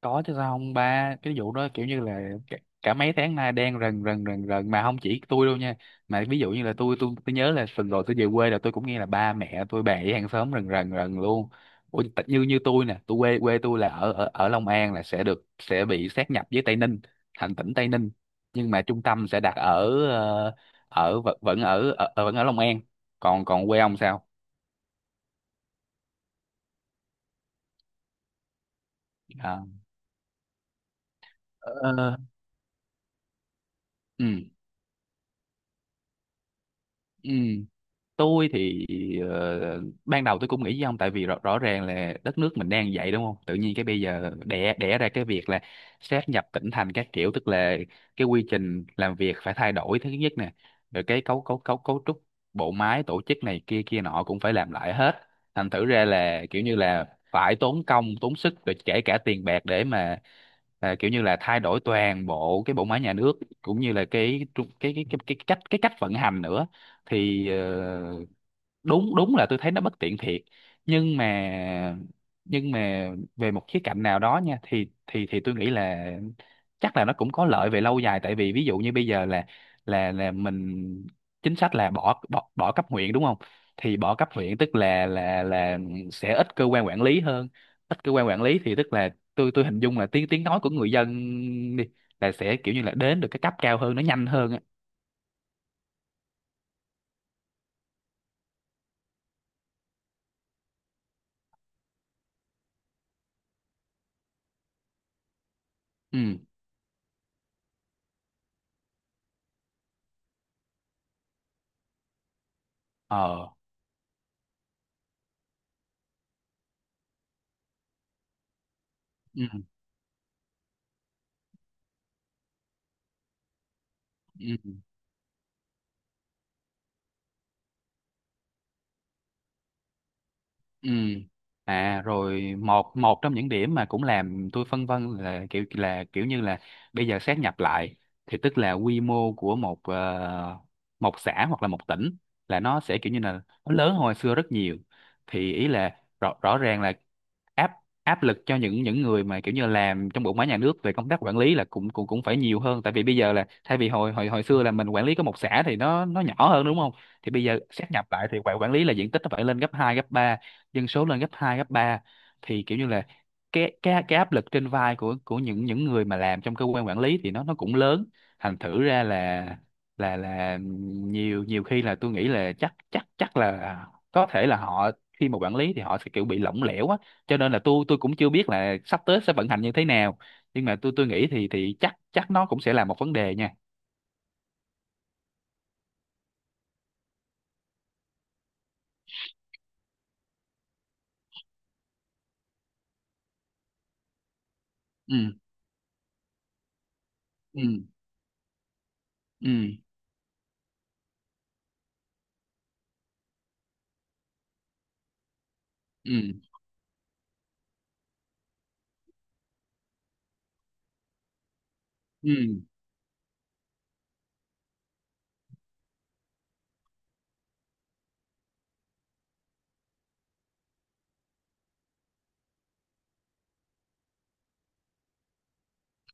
Có chứ, sao không? Ba cái vụ đó kiểu như là cả mấy tháng nay đen rần rần rần rần, mà không chỉ tôi đâu nha, mà ví dụ như là tôi nhớ là tuần rồi tôi về quê là tôi cũng nghe là ba mẹ tôi bà với hàng xóm rần rần rần luôn. Ủa, như như tôi nè, tôi quê quê tôi là ở ở ở Long An, là sẽ được, sẽ bị sáp nhập với Tây Ninh thành tỉnh Tây Ninh, nhưng mà trung tâm sẽ đặt ở ở vẫn vẫn ở, ở vẫn ở Long An. Còn còn quê ông sao? À. Ờ. Ừ, ừ. Tôi thì ban đầu tôi cũng nghĩ với ông, tại vì rõ ràng là đất nước mình đang vậy đúng không, tự nhiên cái bây giờ đẻ đẻ ra cái việc là sáp nhập tỉnh thành các kiểu, tức là cái quy trình làm việc phải thay đổi thứ nhất nè, rồi cái cấu cấu cấu cấu trúc bộ máy tổ chức này kia kia nọ cũng phải làm lại hết, thành thử ra là kiểu như là phải tốn công tốn sức, rồi kể cả tiền bạc để mà, à, kiểu như là thay đổi toàn bộ cái bộ máy nhà nước cũng như là cái cách vận hành nữa. Thì đúng đúng là tôi thấy nó bất tiện thiệt, nhưng mà, nhưng mà về một khía cạnh nào đó nha, thì tôi nghĩ là chắc là nó cũng có lợi về lâu dài, tại vì ví dụ như bây giờ là là mình, chính sách là bỏ bỏ bỏ cấp huyện đúng không, thì bỏ cấp huyện tức là là sẽ ít cơ quan quản lý hơn, ít cơ quan quản lý thì tức là tôi hình dung là tiếng tiếng nói của người dân đi là sẽ kiểu như là đến được cái cấp cao hơn nó nhanh hơn á. Ừ. Ờ. Ừ, ừ. Ừ. À, rồi một một trong những điểm mà cũng làm tôi phân vân là kiểu như là bây giờ xét nhập lại thì tức là quy mô của một xã hoặc là một tỉnh là nó sẽ kiểu như là nó lớn hơn hồi xưa rất nhiều, thì ý là rõ ràng là áp áp lực cho những người mà kiểu như làm trong bộ máy nhà nước về công tác quản lý là cũng cũng cũng phải nhiều hơn, tại vì bây giờ là thay vì hồi hồi hồi xưa là mình quản lý có một xã thì nó nhỏ hơn đúng không, thì bây giờ xét nhập lại thì quản quản lý là diện tích nó phải lên gấp 2 gấp ba, dân số lên gấp 2 gấp ba, thì kiểu như là cái áp lực trên vai của những người mà làm trong cơ quan quản lý thì nó cũng lớn, thành thử ra là là nhiều nhiều khi là tôi nghĩ là chắc chắc chắc là có thể là họ khi mà quản lý thì họ sẽ kiểu bị lỏng lẻo á, cho nên là tôi cũng chưa biết là sắp tới sẽ vận hành như thế nào, nhưng mà tôi nghĩ thì chắc chắc nó cũng sẽ là một vấn đề nha. Ừ, ừ, ừ, ừ, ừ.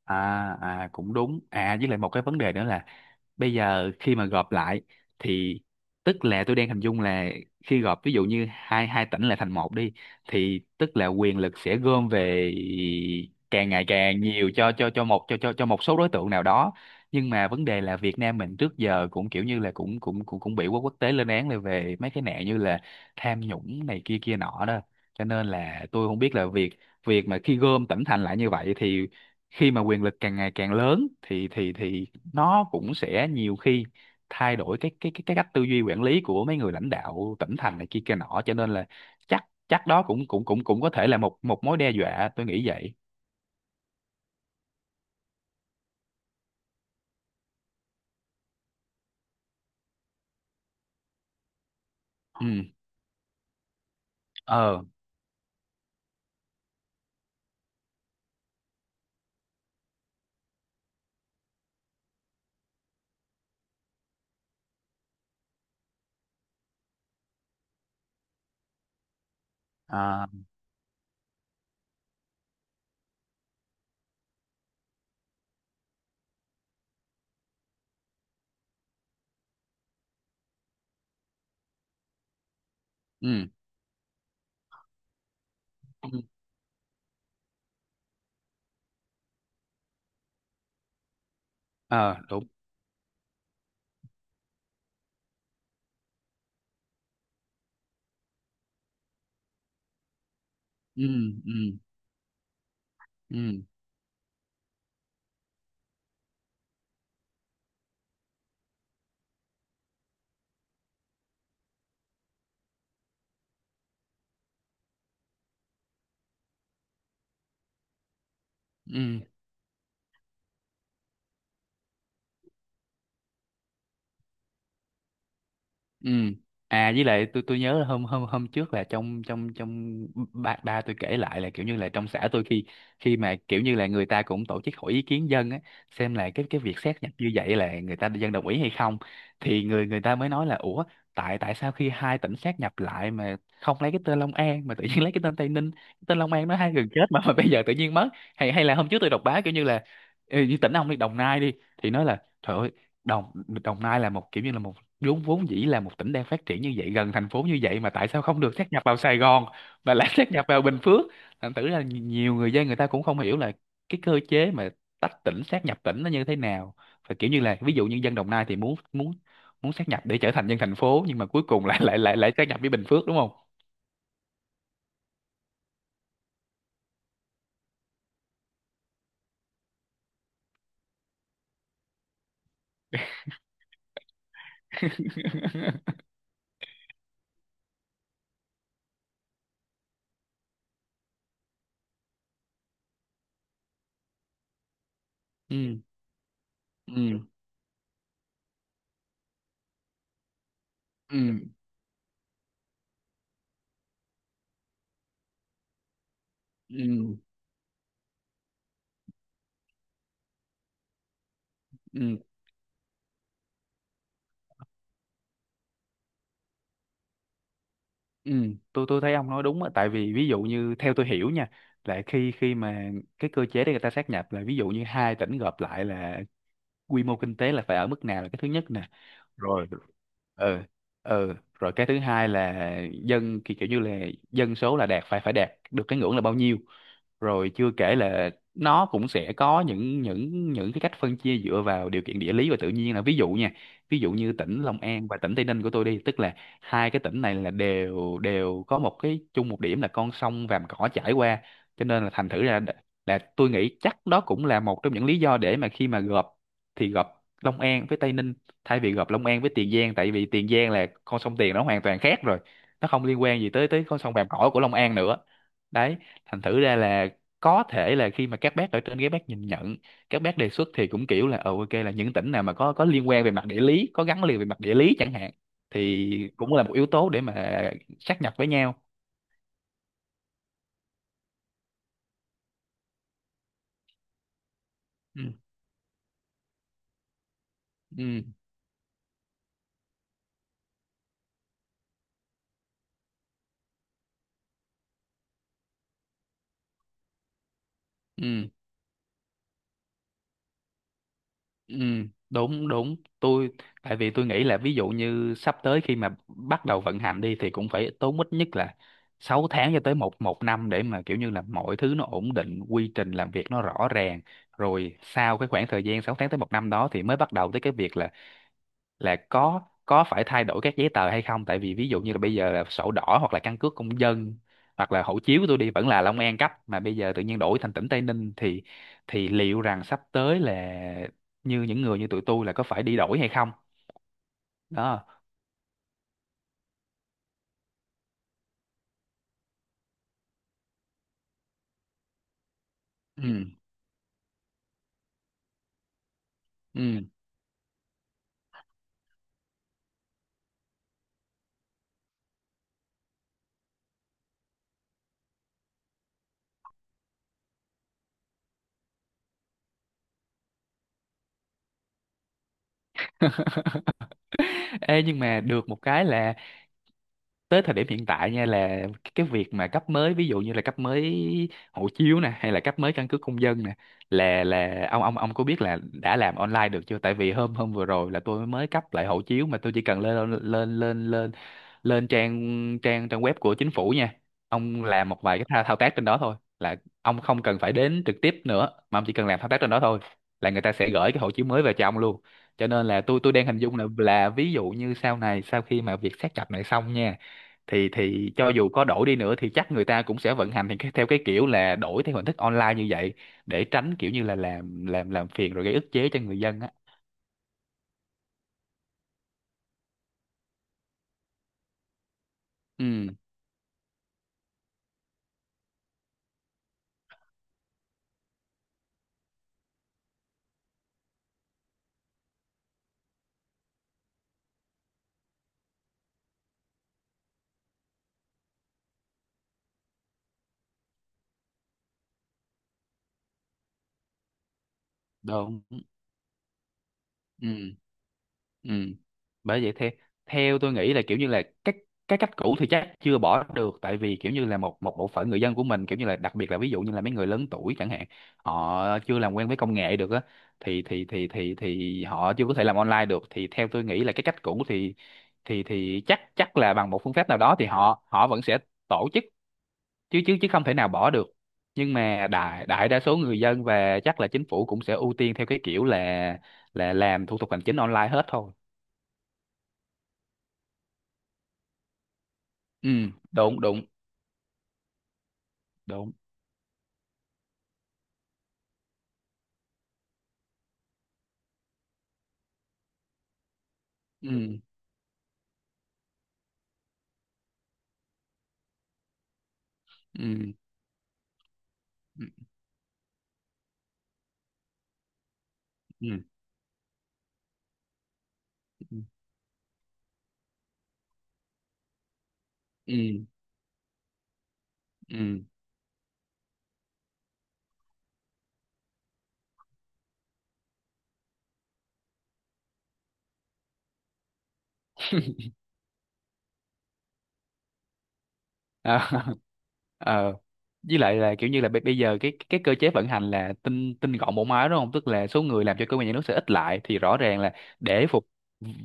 À, cũng đúng. À, với lại một cái vấn đề nữa là bây giờ khi mà gộp lại thì tức là tôi đang hình dung là khi gộp ví dụ như hai hai tỉnh lại thành một đi, thì tức là quyền lực sẽ gom về càng ngày càng nhiều cho một số đối tượng nào đó, nhưng mà vấn đề là Việt Nam mình trước giờ cũng kiểu như là cũng cũng cũng cũng bị quốc quốc tế lên án là về mấy cái nạn như là tham nhũng này kia kia nọ đó, cho nên là tôi không biết là việc việc mà khi gom tỉnh thành lại như vậy thì khi mà quyền lực càng ngày càng lớn thì thì nó cũng sẽ nhiều khi thay đổi cái cách tư duy quản lý của mấy người lãnh đạo tỉnh thành này kia kia nọ, cho nên là chắc chắc đó cũng cũng có thể là một một mối đe dọa tôi nghĩ vậy. Ừ. Ờ. À. Ừ, ừ. Ờ, đúng. Ừ, ừ, ừ, ừ, ừ. À, với lại tôi nhớ là hôm hôm hôm trước là trong trong trong ba ba tôi kể lại là kiểu như là trong xã tôi, khi khi mà kiểu như là người ta cũng tổ chức hỏi ý kiến dân á, xem là cái việc xét nhập như vậy là người ta dân đồng ý hay không, thì người người ta mới nói là ủa, tại tại sao khi hai tỉnh xét nhập lại mà không lấy cái tên Long An mà tự nhiên lấy cái tên Tây Ninh? Cái tên Long An nó hai gần chết mà bây giờ tự nhiên mất. Hay hay là hôm trước tôi đọc báo kiểu như là, ừ, như tỉnh ông đi Đồng Nai đi, thì nói là trời ơi, Đồng Đồng Nai là một kiểu như là một, vốn vốn dĩ là một tỉnh đang phát triển như vậy, gần thành phố như vậy mà tại sao không được sát nhập vào Sài Gòn mà lại sát nhập vào Bình Phước, thành thử là nhiều người dân người ta cũng không hiểu là cái cơ chế mà tách tỉnh sát nhập tỉnh nó như thế nào, và kiểu như là ví dụ như dân Đồng Nai thì muốn muốn muốn sát nhập để trở thành dân thành phố, nhưng mà cuối cùng lại lại lại lại sát nhập với Bình Phước đúng không? Ừ, ừ, ừ, ừ, ừ. Ừ, tôi thấy ông nói đúng á, tại vì ví dụ như theo tôi hiểu nha, là khi khi mà cái cơ chế để người ta sát nhập là ví dụ như hai tỉnh gộp lại là quy mô kinh tế là phải ở mức nào là cái thứ nhất nè. Rồi. Ừ, ừ. Rồi cái thứ hai là kiểu như là dân số là đạt, phải phải đạt được cái ngưỡng là bao nhiêu, rồi chưa kể là nó cũng sẽ có những cái cách phân chia dựa vào điều kiện địa lý và tự nhiên là ví dụ nha. Ví dụ như tỉnh Long An và tỉnh Tây Ninh của tôi đi, tức là hai cái tỉnh này là đều đều có một cái chung, một điểm là con sông Vàm Cỏ chảy qua, cho nên là thành thử ra là tôi nghĩ chắc đó cũng là một trong những lý do để mà khi mà gộp thì gộp Long An với Tây Ninh, thay vì gặp Long An với Tiền Giang, tại vì Tiền Giang là con sông Tiền nó hoàn toàn khác rồi, nó không liên quan gì tới tới con sông Vàm Cỏ của Long An nữa. Đấy, thành thử ra là có thể là khi mà các bác ở trên các bác nhìn nhận, các bác đề xuất thì cũng kiểu là ok, là những tỉnh nào mà có liên quan về mặt địa lý, có gắn liền về mặt địa lý chẳng hạn, thì cũng là một yếu tố để mà sát nhập với nhau. Ừ, ừ, ừ. Ừ, đúng đúng tôi, tại vì tôi nghĩ là ví dụ như sắp tới khi mà bắt đầu vận hành đi, thì cũng phải tốn ít nhất là 6 tháng cho tới một một năm để mà kiểu như là mọi thứ nó ổn định, quy trình làm việc nó rõ ràng, rồi sau cái khoảng thời gian 6 tháng tới một năm đó thì mới bắt đầu tới cái việc là có phải thay đổi các giấy tờ hay không, tại vì ví dụ như là bây giờ là sổ đỏ hoặc là căn cước công dân hoặc là hộ chiếu của tôi đi vẫn là Long An cấp, mà bây giờ tự nhiên đổi thành tỉnh Tây Ninh, thì liệu rằng sắp tới là như những người như tụi tôi là có phải đi đổi hay không? Đó. Ừ, ừ. Ê, nhưng mà được một cái là tới thời điểm hiện tại nha, là cái việc mà cấp mới, ví dụ như là cấp mới hộ chiếu nè hay là cấp mới căn cước công dân nè, là ông có biết là đã làm online được chưa, tại vì hôm hôm vừa rồi là tôi mới cấp lại hộ chiếu mà tôi chỉ cần lên lên lên lên lên trang trang trang web của chính phủ nha, ông làm một vài cái thao tác trên đó thôi là ông không cần phải đến trực tiếp nữa, mà ông chỉ cần làm thao tác trên đó thôi là người ta sẽ gửi cái hộ chiếu mới về cho ông luôn. Cho nên là tôi đang hình dung là ví dụ như sau này sau khi mà việc xác nhập này xong nha, thì cho dù có đổi đi nữa thì chắc người ta cũng sẽ vận hành thì theo cái kiểu là đổi theo hình thức online như vậy, để tránh kiểu như là làm phiền rồi gây ức chế cho người dân á. Ừ, đúng. Ừ, ừ. Bởi vậy theo, tôi nghĩ là kiểu như là các cái cách cũ thì chắc chưa bỏ được, tại vì kiểu như là một một bộ phận người dân của mình kiểu như là đặc biệt là ví dụ như là mấy người lớn tuổi chẳng hạn, họ chưa làm quen với công nghệ được á, thì họ chưa có thể làm online được, thì theo tôi nghĩ là cái cách cũ thì thì chắc chắc là bằng một phương pháp nào đó thì họ họ vẫn sẽ tổ chức, chứ chứ chứ không thể nào bỏ được, nhưng mà đại đại đa số người dân và chắc là chính phủ cũng sẽ ưu tiên theo cái kiểu là làm thủ tục hành chính online hết thôi. Ừ, đúng, đúng, đúng. Ừ, ừ, ừ, ừ, ừ, ừ. À. ờ với lại là kiểu như là bây bây giờ cái cơ chế vận hành là tinh tinh gọn bộ máy đúng không, tức là số người làm cho cơ quan nhà nước sẽ ít lại thì rõ ràng là để phục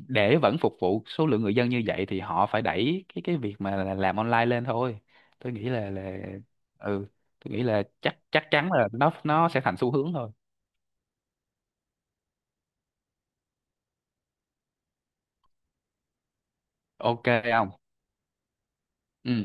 để vẫn phục vụ số lượng người dân như vậy thì họ phải đẩy cái việc mà là làm online lên thôi. Tôi nghĩ là ừ, tôi nghĩ là chắc chắc chắn là nó sẽ thành xu hướng thôi. Ok. Không. Ừ.